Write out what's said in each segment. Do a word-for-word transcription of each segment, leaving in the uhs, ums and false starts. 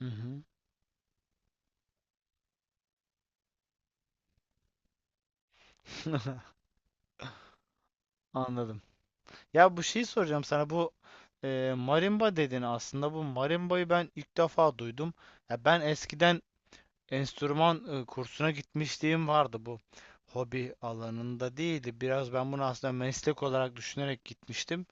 Hı hı. Anladım. Ya bu şeyi soracağım sana, bu e, marimba dedin, aslında bu marimbayı ben ilk defa duydum. Ya ben eskiden enstrüman e, kursuna gitmişliğim vardı, bu hobi alanında değildi. Biraz ben bunu aslında meslek olarak düşünerek gitmiştim.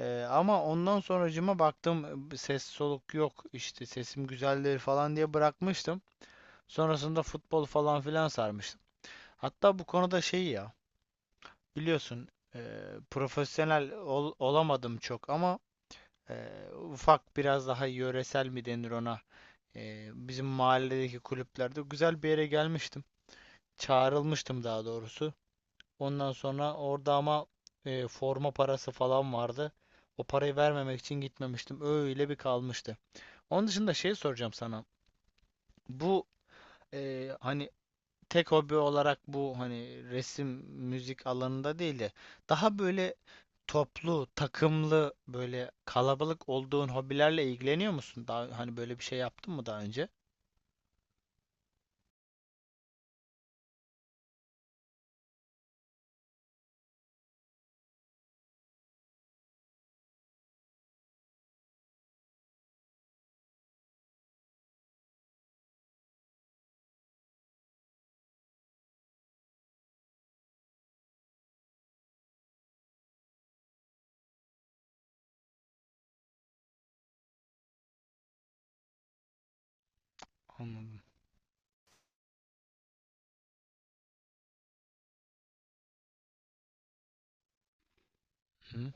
E, ama ondan sonracıma baktım, e, ses soluk yok, işte sesim güzelleri falan diye bırakmıştım. Sonrasında futbol falan filan sarmıştım. Hatta bu konuda şey ya, biliyorsun, eee, profesyonel ol- olamadım çok, ama eee, ufak, biraz daha yöresel mi denir ona. Eee, bizim mahalledeki kulüplerde güzel bir yere gelmiştim. Çağrılmıştım daha doğrusu. Ondan sonra orada ama eee, forma parası falan vardı. O parayı vermemek için gitmemiştim. Öyle bir kalmıştı. Onun dışında şey soracağım sana. Bu eee, hani tek hobi olarak bu, hani resim, müzik alanında değil de daha böyle toplu, takımlı, böyle kalabalık olduğun hobilerle ilgileniyor musun? Daha hani böyle bir şey yaptın mı daha önce? Anladım. Hı,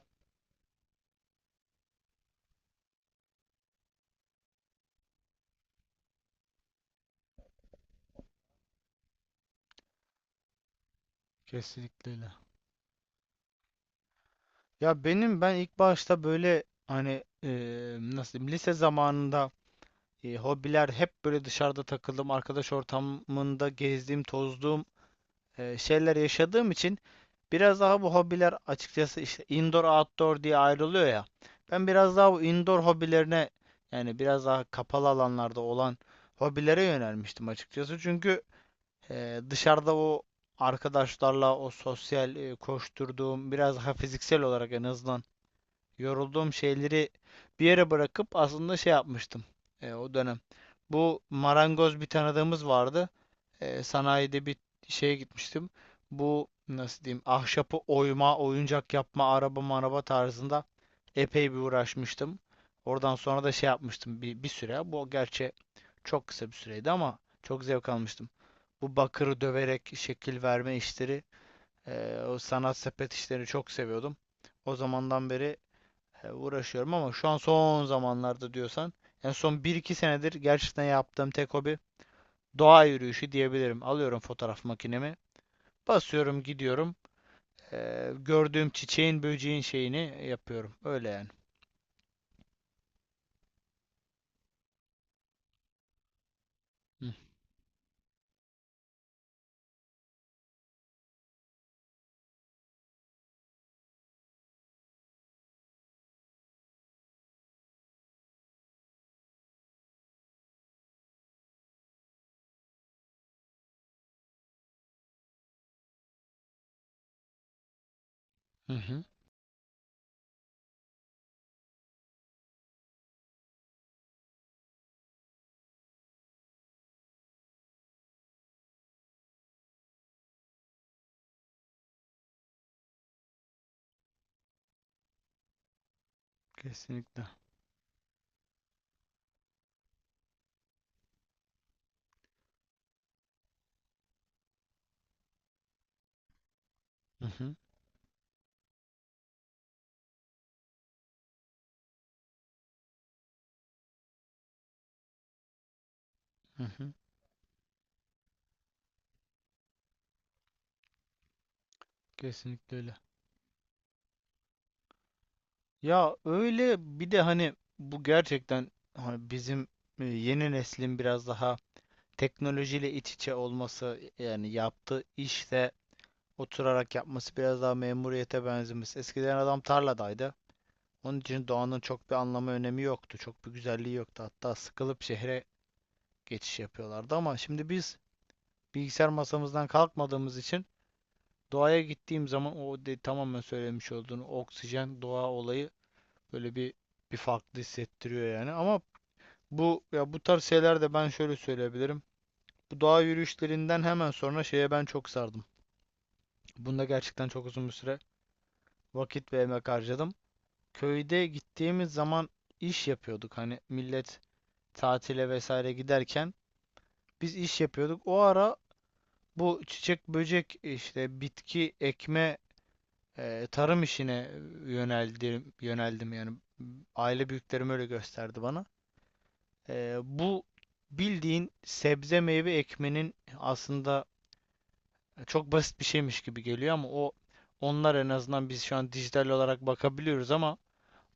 kesinlikle öyle. Ya benim, ben ilk başta böyle hani, e, nasıl diyeyim, lise zamanında e, hobiler hep böyle dışarıda takıldım, arkadaş ortamında gezdiğim, tozduğum e, şeyler yaşadığım için, biraz daha bu hobiler açıkçası işte indoor outdoor diye ayrılıyor ya. Ben biraz daha bu indoor hobilerine, yani biraz daha kapalı alanlarda olan hobilere yönelmiştim açıkçası. Çünkü e, dışarıda o arkadaşlarla o sosyal e, koşturduğum, biraz daha fiziksel olarak en azından yorulduğum şeyleri bir yere bırakıp aslında şey yapmıştım e, o dönem. Bu marangoz bir tanıdığımız vardı. E, sanayide bir şeye gitmiştim. Bu nasıl diyeyim, ahşapı oyma, oyuncak yapma, araba maraba tarzında epey bir uğraşmıştım. Oradan sonra da şey yapmıştım bir, bir süre. Bu gerçi çok kısa bir süreydi ama çok zevk almıştım. Bu bakırı döverek şekil verme işleri, e, o sanat sepet işlerini çok seviyordum. O zamandan beri e, uğraşıyorum ama şu an son zamanlarda diyorsan en son bir iki senedir gerçekten yaptığım tek hobi doğa yürüyüşü diyebilirim. Alıyorum fotoğraf makinemi, basıyorum, gidiyorum. E, gördüğüm çiçeğin, böceğin şeyini yapıyorum. Öyle yani. Hı hı. Hı. Kesinlikle. Hı hı. Hı hı. Kesinlikle öyle. Ya öyle bir de hani bu gerçekten hani bizim e, yeni neslin biraz daha teknolojiyle iç içe olması, yani yaptığı işte oturarak yapması biraz daha memuriyete benzemiş. Eskiden adam tarladaydı. Onun için doğanın çok bir anlamı önemi yoktu. Çok bir güzelliği yoktu. Hatta sıkılıp şehre geçiş yapıyorlardı ama şimdi biz bilgisayar masamızdan kalkmadığımız için doğaya gittiğim zaman o de, tamamen söylemiş olduğun oksijen doğa olayı böyle bir bir farklı hissettiriyor yani. Ama bu ya bu tarz şeyler de ben şöyle söyleyebilirim. Bu doğa yürüyüşlerinden hemen sonra şeye ben çok sardım. Bunda gerçekten çok uzun bir süre vakit ve emek harcadım. Köyde gittiğimiz zaman iş yapıyorduk. Hani millet tatile vesaire giderken biz iş yapıyorduk. O ara bu çiçek böcek işte bitki ekme e, tarım işine yöneldim yöneldim, yani aile büyüklerim öyle gösterdi bana. E, bu bildiğin sebze meyve ekmenin aslında çok basit bir şeymiş gibi geliyor ama o onlar en azından, biz şu an dijital olarak bakabiliyoruz ama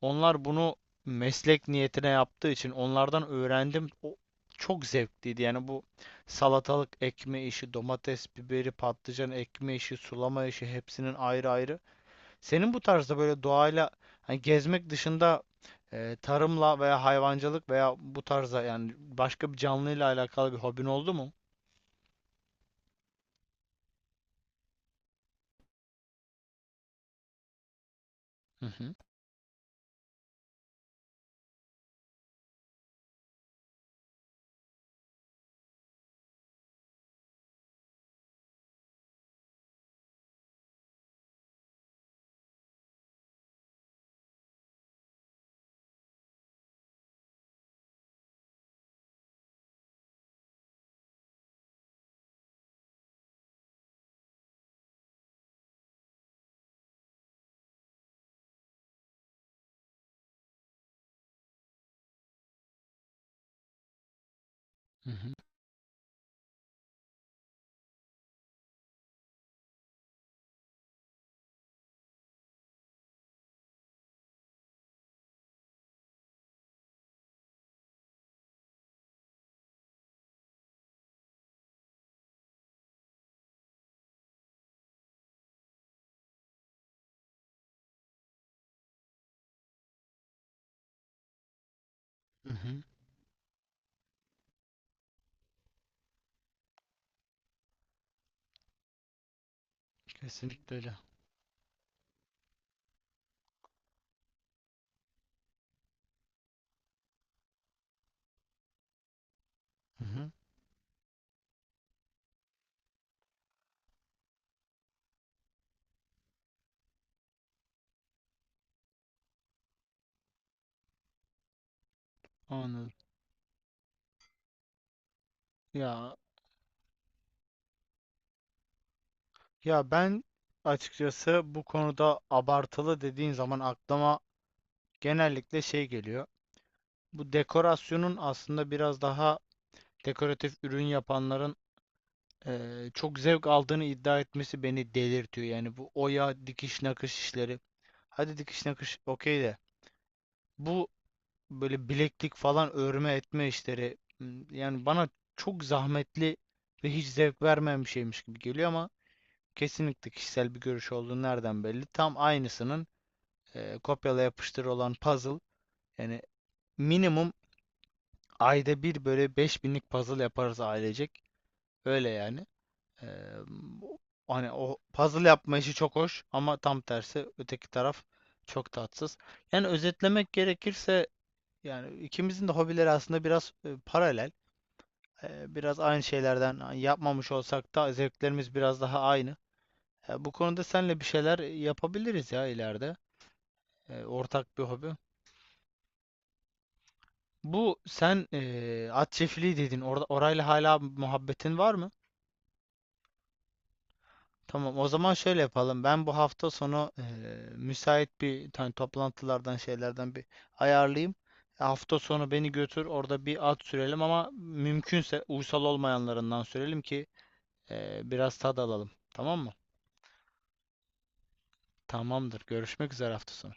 onlar bunu meslek niyetine yaptığı için onlardan öğrendim. O çok zevkliydi. Yani bu salatalık ekme işi, domates, biberi, patlıcan ekme işi, sulama işi hepsinin ayrı ayrı. Senin bu tarzda böyle doğayla hani gezmek dışında e, tarımla veya hayvancılık veya bu tarzda, yani başka bir canlıyla alakalı bir hobin oldu mu? Hı hı. Hı hı. Hı hı. Kesinlikle öyle. Hı hı. Anladım. Ya, ya ben açıkçası bu konuda abartılı dediğin zaman aklıma genellikle şey geliyor. Bu dekorasyonun aslında biraz daha dekoratif ürün yapanların eee, çok zevk aldığını iddia etmesi beni delirtiyor. Yani bu oya, dikiş, nakış işleri. Hadi dikiş nakış okey de, bu böyle bileklik falan örme etme işleri, m, yani bana çok zahmetli ve hiç zevk vermeyen bir şeymiş gibi geliyor ama kesinlikle kişisel bir görüş olduğu nereden belli. Tam aynısının e, kopyala yapıştır olan puzzle. Yani minimum ayda bir böyle beş binlik puzzle yaparız ailecek. Öyle yani. Ee, Hani o puzzle yapma işi çok hoş ama tam tersi öteki taraf çok tatsız. Yani özetlemek gerekirse yani ikimizin de hobileri aslında biraz e, paralel. Ee, biraz aynı şeylerden yapmamış olsak da zevklerimiz biraz daha aynı. Ee, bu konuda seninle bir şeyler yapabiliriz ya ileride. Ee, ortak bir hobi. Bu sen eee at çiftliği dedin. Orada orayla hala muhabbetin var mı? Tamam, o zaman şöyle yapalım. Ben bu hafta sonu eee, müsait bir tane toplantılardan şeylerden bir ayarlayayım. Hafta sonu beni götür, orada bir at sürelim ama mümkünse uysal olmayanlarından sürelim ki eee, biraz tad alalım. Tamam mı? Tamamdır. Görüşmek üzere hafta sonu.